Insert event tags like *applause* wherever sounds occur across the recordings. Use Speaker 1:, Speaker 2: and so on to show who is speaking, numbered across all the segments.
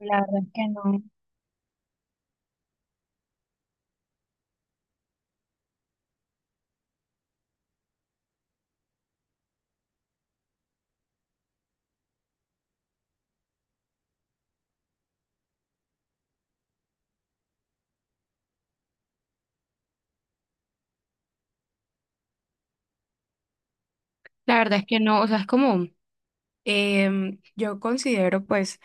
Speaker 1: La verdad es que no. La verdad es que no, o sea, es como, yo considero pues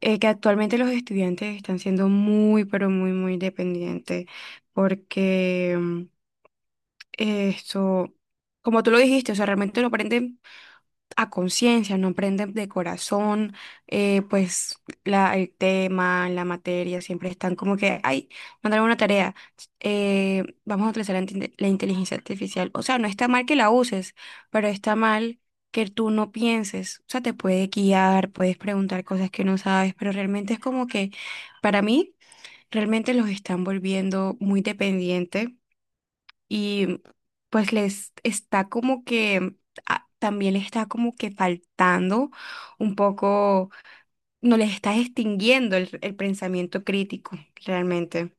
Speaker 1: eh, que actualmente los estudiantes están siendo muy, pero muy, muy dependientes porque esto, como tú lo dijiste, o sea, realmente lo aprenden a conciencia, no aprenden de corazón, pues el tema, la materia, siempre están como que, ay, mandaron una tarea, vamos a utilizar la inteligencia artificial. O sea, no está mal que la uses, pero está mal que tú no pienses. O sea, te puede guiar, puedes preguntar cosas que no sabes, pero realmente es como que, para mí, realmente los están volviendo muy dependientes y pues les está como que ah, también les está como que faltando un poco, no les está extinguiendo el pensamiento crítico realmente.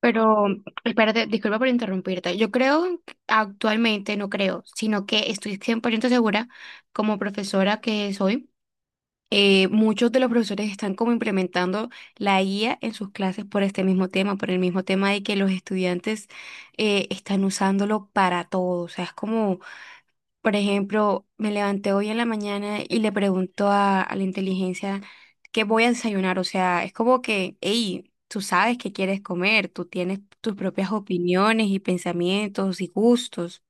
Speaker 1: Pero, espérate, disculpa por interrumpirte. Yo creo, que actualmente no creo, sino que estoy 100% segura, como profesora que soy, muchos de los profesores están como implementando la IA en sus clases por este mismo tema, por el mismo tema de que los estudiantes están usándolo para todo. O sea, es como, por ejemplo, me levanté hoy en la mañana y le pregunto a la inteligencia qué voy a desayunar. O sea, es como que, hey, tú sabes qué quieres comer, tú tienes tus propias opiniones y pensamientos y gustos.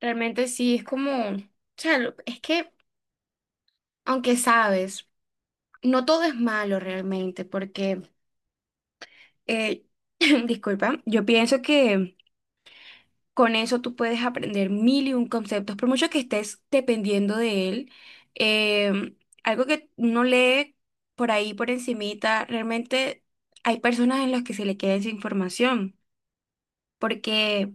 Speaker 1: Realmente sí, es como, o sea, es que aunque sabes, no todo es malo realmente, porque, eh, *laughs* disculpa, yo pienso que con eso tú puedes aprender mil y un conceptos, por mucho que estés dependiendo de él. eh, algo que uno lee por ahí, por encimita, realmente hay personas en las que se le queda esa información, porque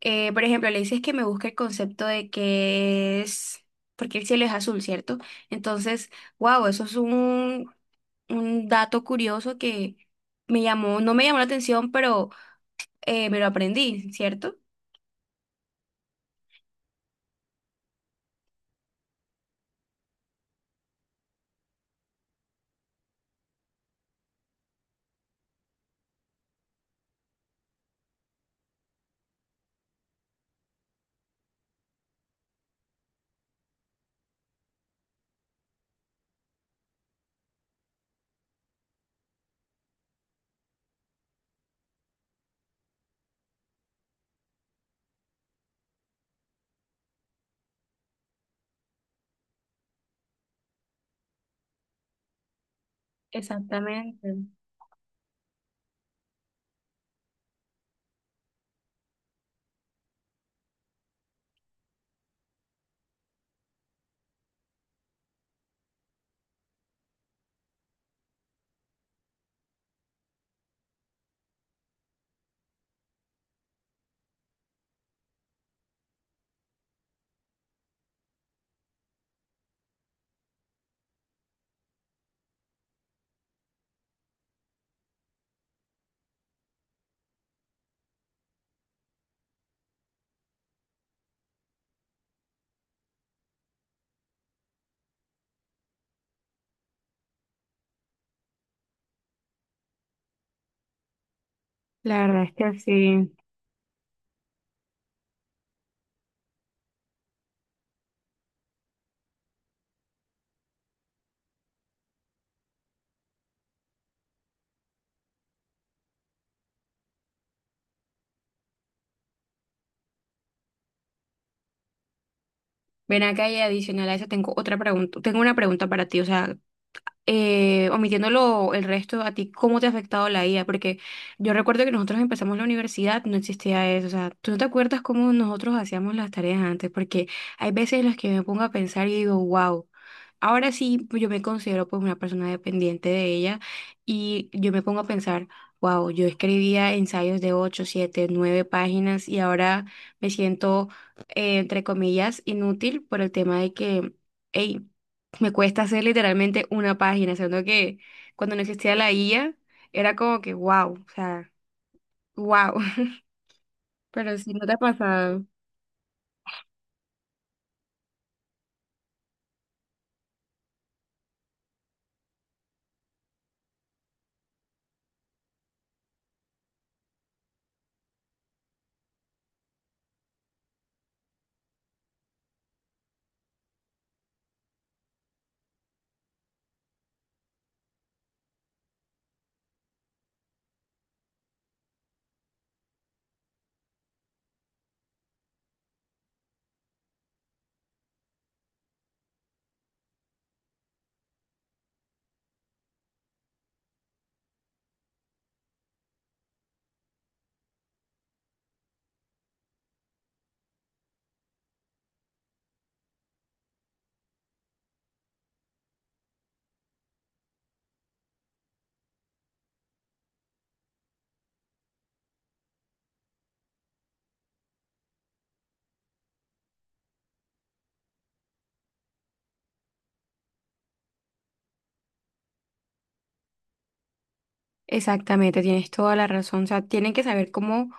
Speaker 1: Por ejemplo, le dices que me busque el concepto de que es, porque el cielo es azul, ¿cierto? Entonces, wow, eso es un dato curioso que me llamó, no me llamó la atención, pero me lo aprendí, ¿cierto? Exactamente. La verdad es que sí. Ven acá y adicional a eso tengo otra pregunta, tengo una pregunta para ti, o sea, omitiéndolo el resto, ¿a ti cómo te ha afectado la IA? Porque yo recuerdo que nosotros empezamos la universidad, no existía eso, o sea, tú no te acuerdas cómo nosotros hacíamos las tareas antes, porque hay veces en las que me pongo a pensar y digo, wow. Ahora sí, yo me considero pues una persona dependiente de ella y yo me pongo a pensar, wow, yo escribía ensayos de 8 7 9 páginas y ahora me siento, entre comillas, inútil por el tema de que, hey, me cuesta hacer literalmente una página, siendo que cuando no existía la IA era como que wow, o sea, wow, *laughs* pero si no te ha pasado. Exactamente, tienes toda la razón. O sea, tienen que saber cómo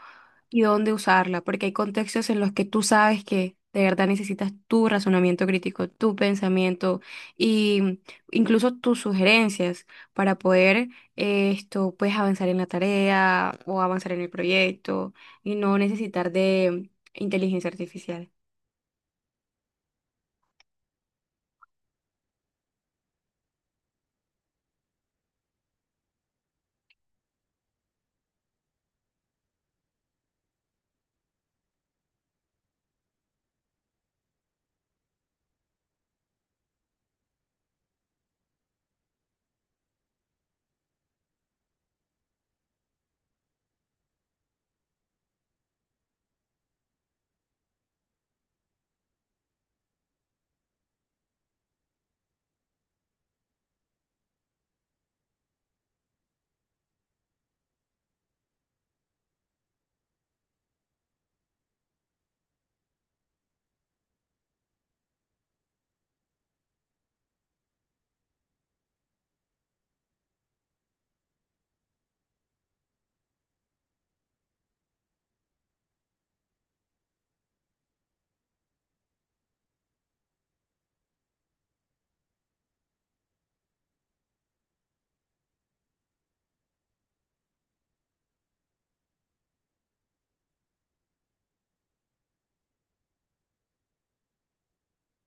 Speaker 1: y dónde usarla, porque hay contextos en los que tú sabes que de verdad necesitas tu razonamiento crítico, tu pensamiento y mm, incluso tus sugerencias para poder pues avanzar en la tarea o avanzar en el proyecto y no necesitar de inteligencia artificial.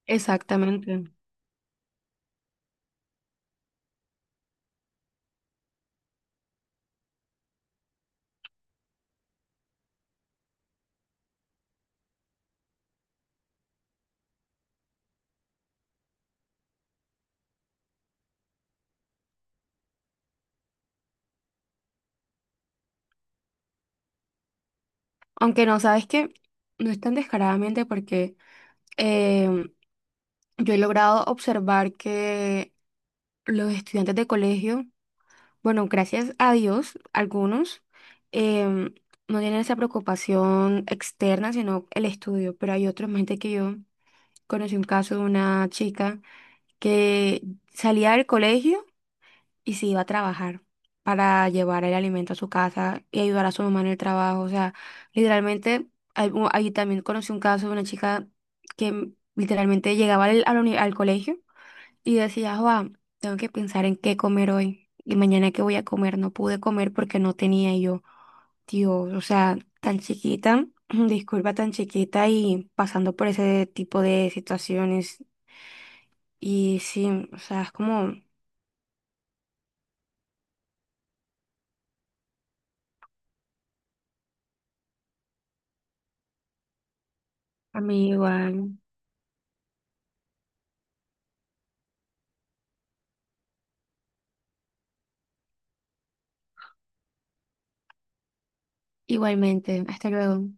Speaker 1: Exactamente. Aunque no, sabes que no es tan descaradamente porque em, yo he logrado observar que los estudiantes de colegio, bueno, gracias a Dios, algunos em, no tienen esa preocupación externa, sino el estudio, pero hay otros, gente que yo conocí un caso de una chica que salía del colegio y se iba a trabajar para llevar el alimento a su casa y ayudar a su mamá en el trabajo, o sea, literalmente, ahí también conocí un caso de una chica que literalmente llegaba al colegio. Y decía, Juan, tengo que pensar en qué comer hoy y mañana qué voy a comer. No pude comer porque no tenía y yo, tío, o sea, tan chiquita, *clears throat* disculpa, tan chiquita y pasando por ese tipo de situaciones. Y sí, o sea, es como a mí igual, igualmente. Hasta luego.